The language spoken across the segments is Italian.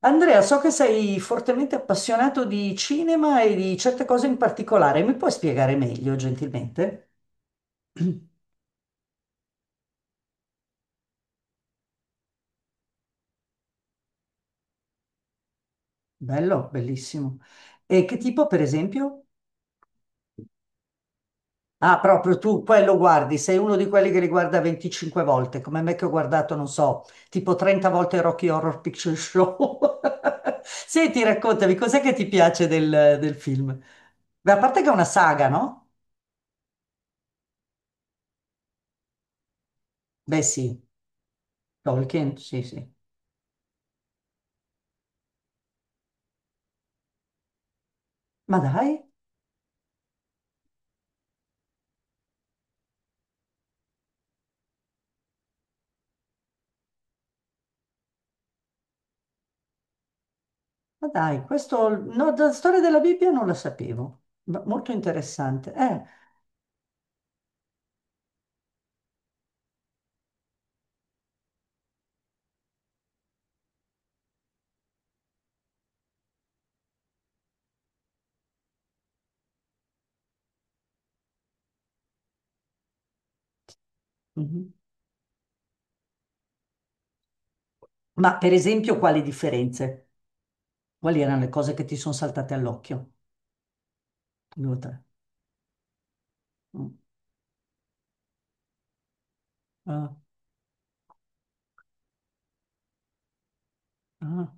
Andrea, so che sei fortemente appassionato di cinema e di certe cose in particolare. Mi puoi spiegare meglio, gentilmente? Bello, bellissimo. E che tipo, per esempio? Ah, proprio tu quello guardi, sei uno di quelli che li guarda 25 volte, come me che ho guardato, non so, tipo 30 volte Rocky Horror Picture Show. Senti, raccontami, cos'è che ti piace del film? Beh, a parte che è una saga, no? Beh, sì, Tolkien, sì, sì. Ma dai. Ma dai, questo, no, la storia della Bibbia non la sapevo, ma molto interessante. Mhm. Ma per esempio, quali differenze? Quali erano le cose che ti sono saltate all'occhio? Due o tre. Mm. Ah, ah.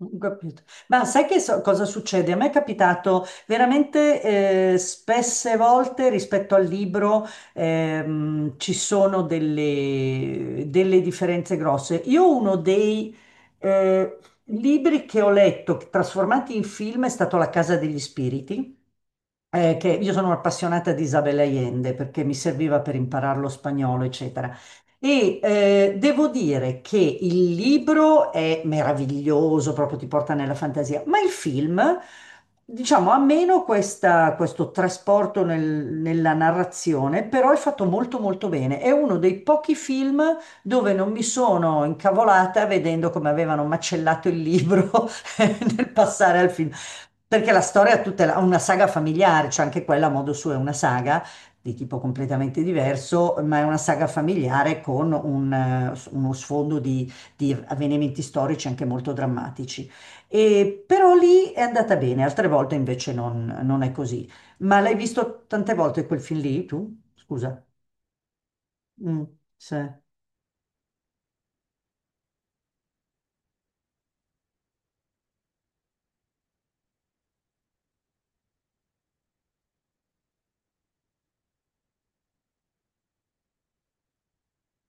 Ho capito. Ma sai che cosa succede? A me è capitato veramente spesse volte rispetto al libro, ci sono delle differenze grosse. Io uno dei eh, libri che ho letto trasformati in film è stato La Casa degli Spiriti, che io sono appassionata di Isabel Allende perché mi serviva per imparare lo spagnolo, eccetera. Devo dire che il libro è meraviglioso, proprio ti porta nella fantasia, ma il film, diciamo, ha meno questo trasporto nella narrazione, però è fatto molto molto bene. È uno dei pochi film dove non mi sono incavolata vedendo come avevano macellato il libro nel passare al film, perché la storia è tutta una saga familiare, cioè anche quella a modo suo è una saga di tipo completamente diverso, ma è una saga familiare con un, uno sfondo di avvenimenti storici anche molto drammatici. E, però lì è andata bene, altre volte invece non è così. Ma l'hai visto tante volte quel film lì, tu? Scusa. Mm, sì.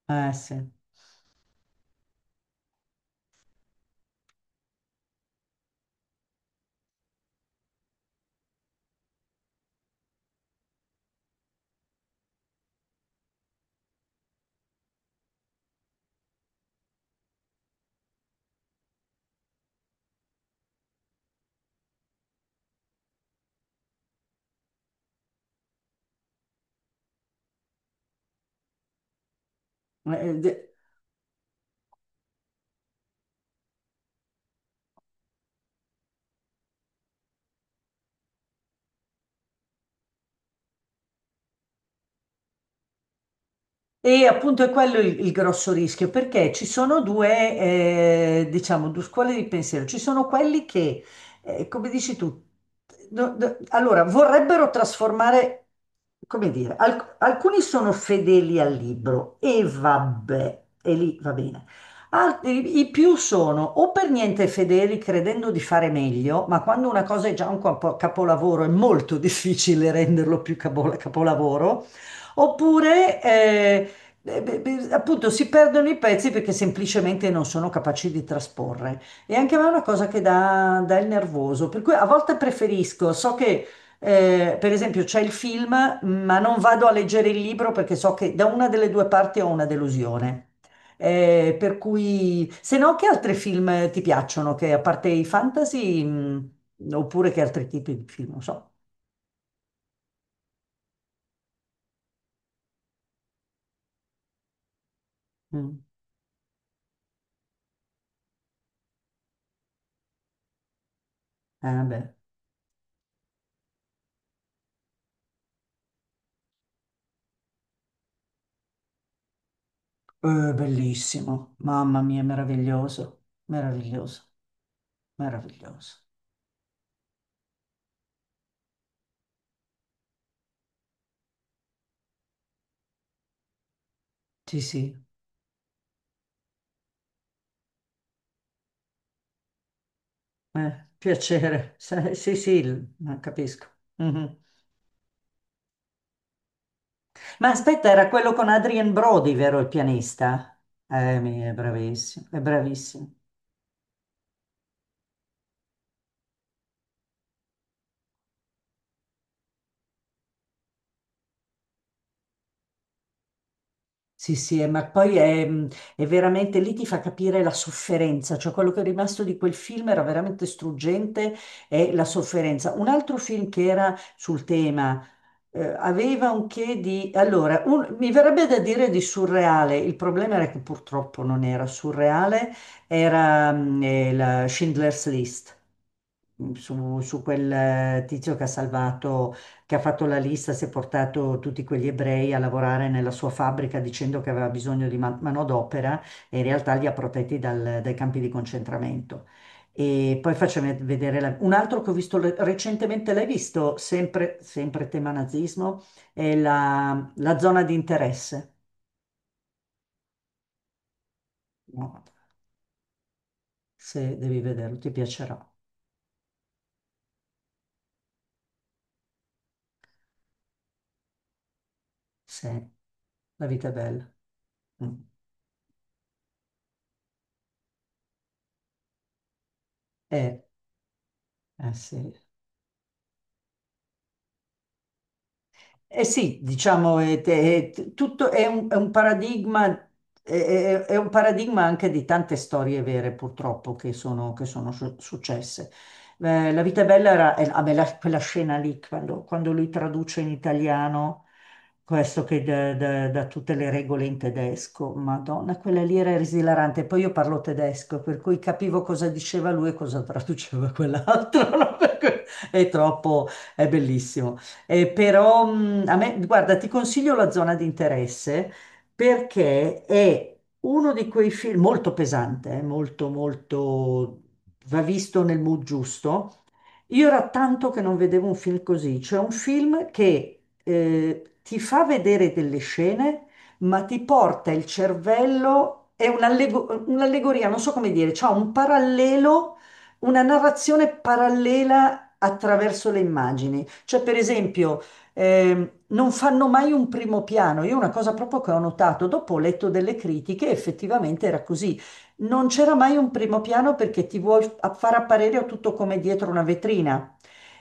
Sì. Eh, de- E appunto è quello il grosso rischio, perché ci sono due, diciamo, due scuole di pensiero. Ci sono quelli che, come dici tu, allora vorrebbero trasformare, come dire, alcuni sono fedeli al libro e vabbè, e lì va bene. Altri, i più sono o per niente fedeli credendo di fare meglio, ma quando una cosa è già un capolavoro è molto difficile renderlo più capolavoro. Oppure beh, beh, appunto, si perdono i pezzi perché semplicemente non sono capaci di trasporre. E anche a me è una cosa che dà il nervoso, per cui a volte preferisco, so che, per esempio c'è il film, ma non vado a leggere il libro perché so che da una delle due parti ho una delusione. Per cui, se no, che altri film ti piacciono? Che a parte i fantasy, oppure che altri tipi di film, non so. Mm. Ah, beh. Bellissimo, mamma mia, meraviglioso, meraviglioso, meraviglioso. Sì, sì, piacere. Sì, sì, sì, ma capisco. Mhm. Ma aspetta, era quello con Adrien Brody, vero il pianista? È bravissimo, è bravissimo. Sì, sì, ma poi è, mm, è veramente lì ti fa capire la sofferenza, cioè quello che è rimasto di quel film era veramente struggente, è la sofferenza. Un altro film che era sul tema, aveva un che di... Allora, mi verrebbe da dire di surreale, il problema era che purtroppo non era surreale, era la Schindler's List su quel tizio che ha salvato, che ha fatto la lista, si è portato tutti quegli ebrei a lavorare nella sua fabbrica dicendo che aveva bisogno di manodopera e in realtà li ha protetti dai campi di concentramento. E poi facciamo vedere un altro che ho visto recentemente, l'hai visto, sempre, sempre tema nazismo, è la zona di interesse. No, se devi vederlo, ti piacerà. Sì, la vita è bella. Mm. Eh, eh sì. Eh sì, diciamo, tutto è un paradigma, è un paradigma anche di tante storie vere, purtroppo, che sono successe. La vita è bella era, ah, beh, quella scena lì, quando, quando lui traduce in italiano questo che da, da tutte le regole in tedesco, Madonna, quella lì era esilarante. Poi io parlo tedesco, per cui capivo cosa diceva lui e cosa traduceva quell'altro, no? Per cui è troppo, è bellissimo. Però a me, guarda, ti consiglio la zona di interesse perché è uno di quei film molto pesante, molto, molto, va visto nel mood giusto. Io era tanto che non vedevo un film così, cioè un film che, ti fa vedere delle scene, ma ti porta il cervello, è un'un'allegoria, non so come dire, c'ha un parallelo, una narrazione parallela attraverso le immagini. Cioè, per esempio, non fanno mai un primo piano. Io una cosa proprio che ho notato, dopo ho letto delle critiche, effettivamente era così, non c'era mai un primo piano perché ti vuoi far apparire tutto come dietro una vetrina.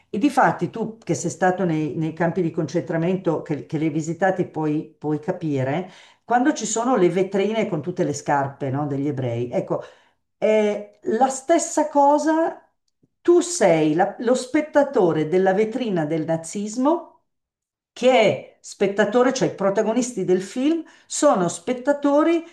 E difatti tu che sei stato nei, nei campi di concentramento che li hai visitati puoi, puoi capire, quando ci sono le vetrine con tutte le scarpe, no, degli ebrei, ecco, è la stessa cosa, tu sei lo spettatore della vetrina del nazismo che è spettatore, cioè i protagonisti del film sono spettatori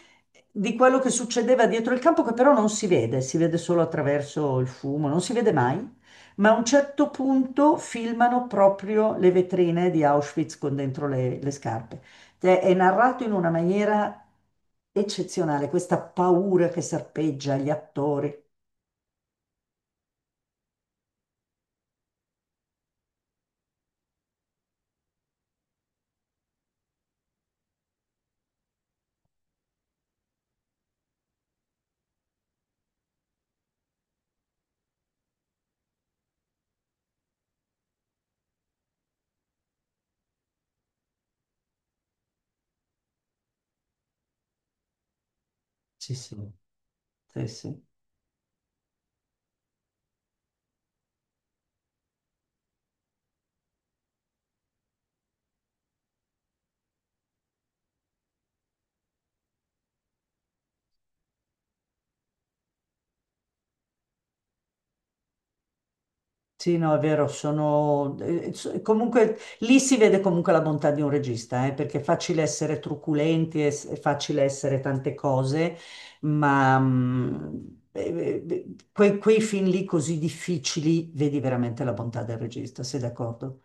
di quello che succedeva dietro il campo, che però non si vede, si vede solo attraverso il fumo, non si vede mai. Ma a un certo punto filmano proprio le vetrine di Auschwitz con dentro le scarpe. Cioè, è narrato in una maniera eccezionale, questa paura che serpeggia gli attori. Sì, sì, sì, sì. Sì, no, è vero, sono... comunque lì si vede comunque la bontà di un regista, perché è facile essere truculenti, è facile essere tante cose, ma mm, eh, eh, quei, quei film lì così difficili vedi veramente la bontà del regista, sei d'accordo?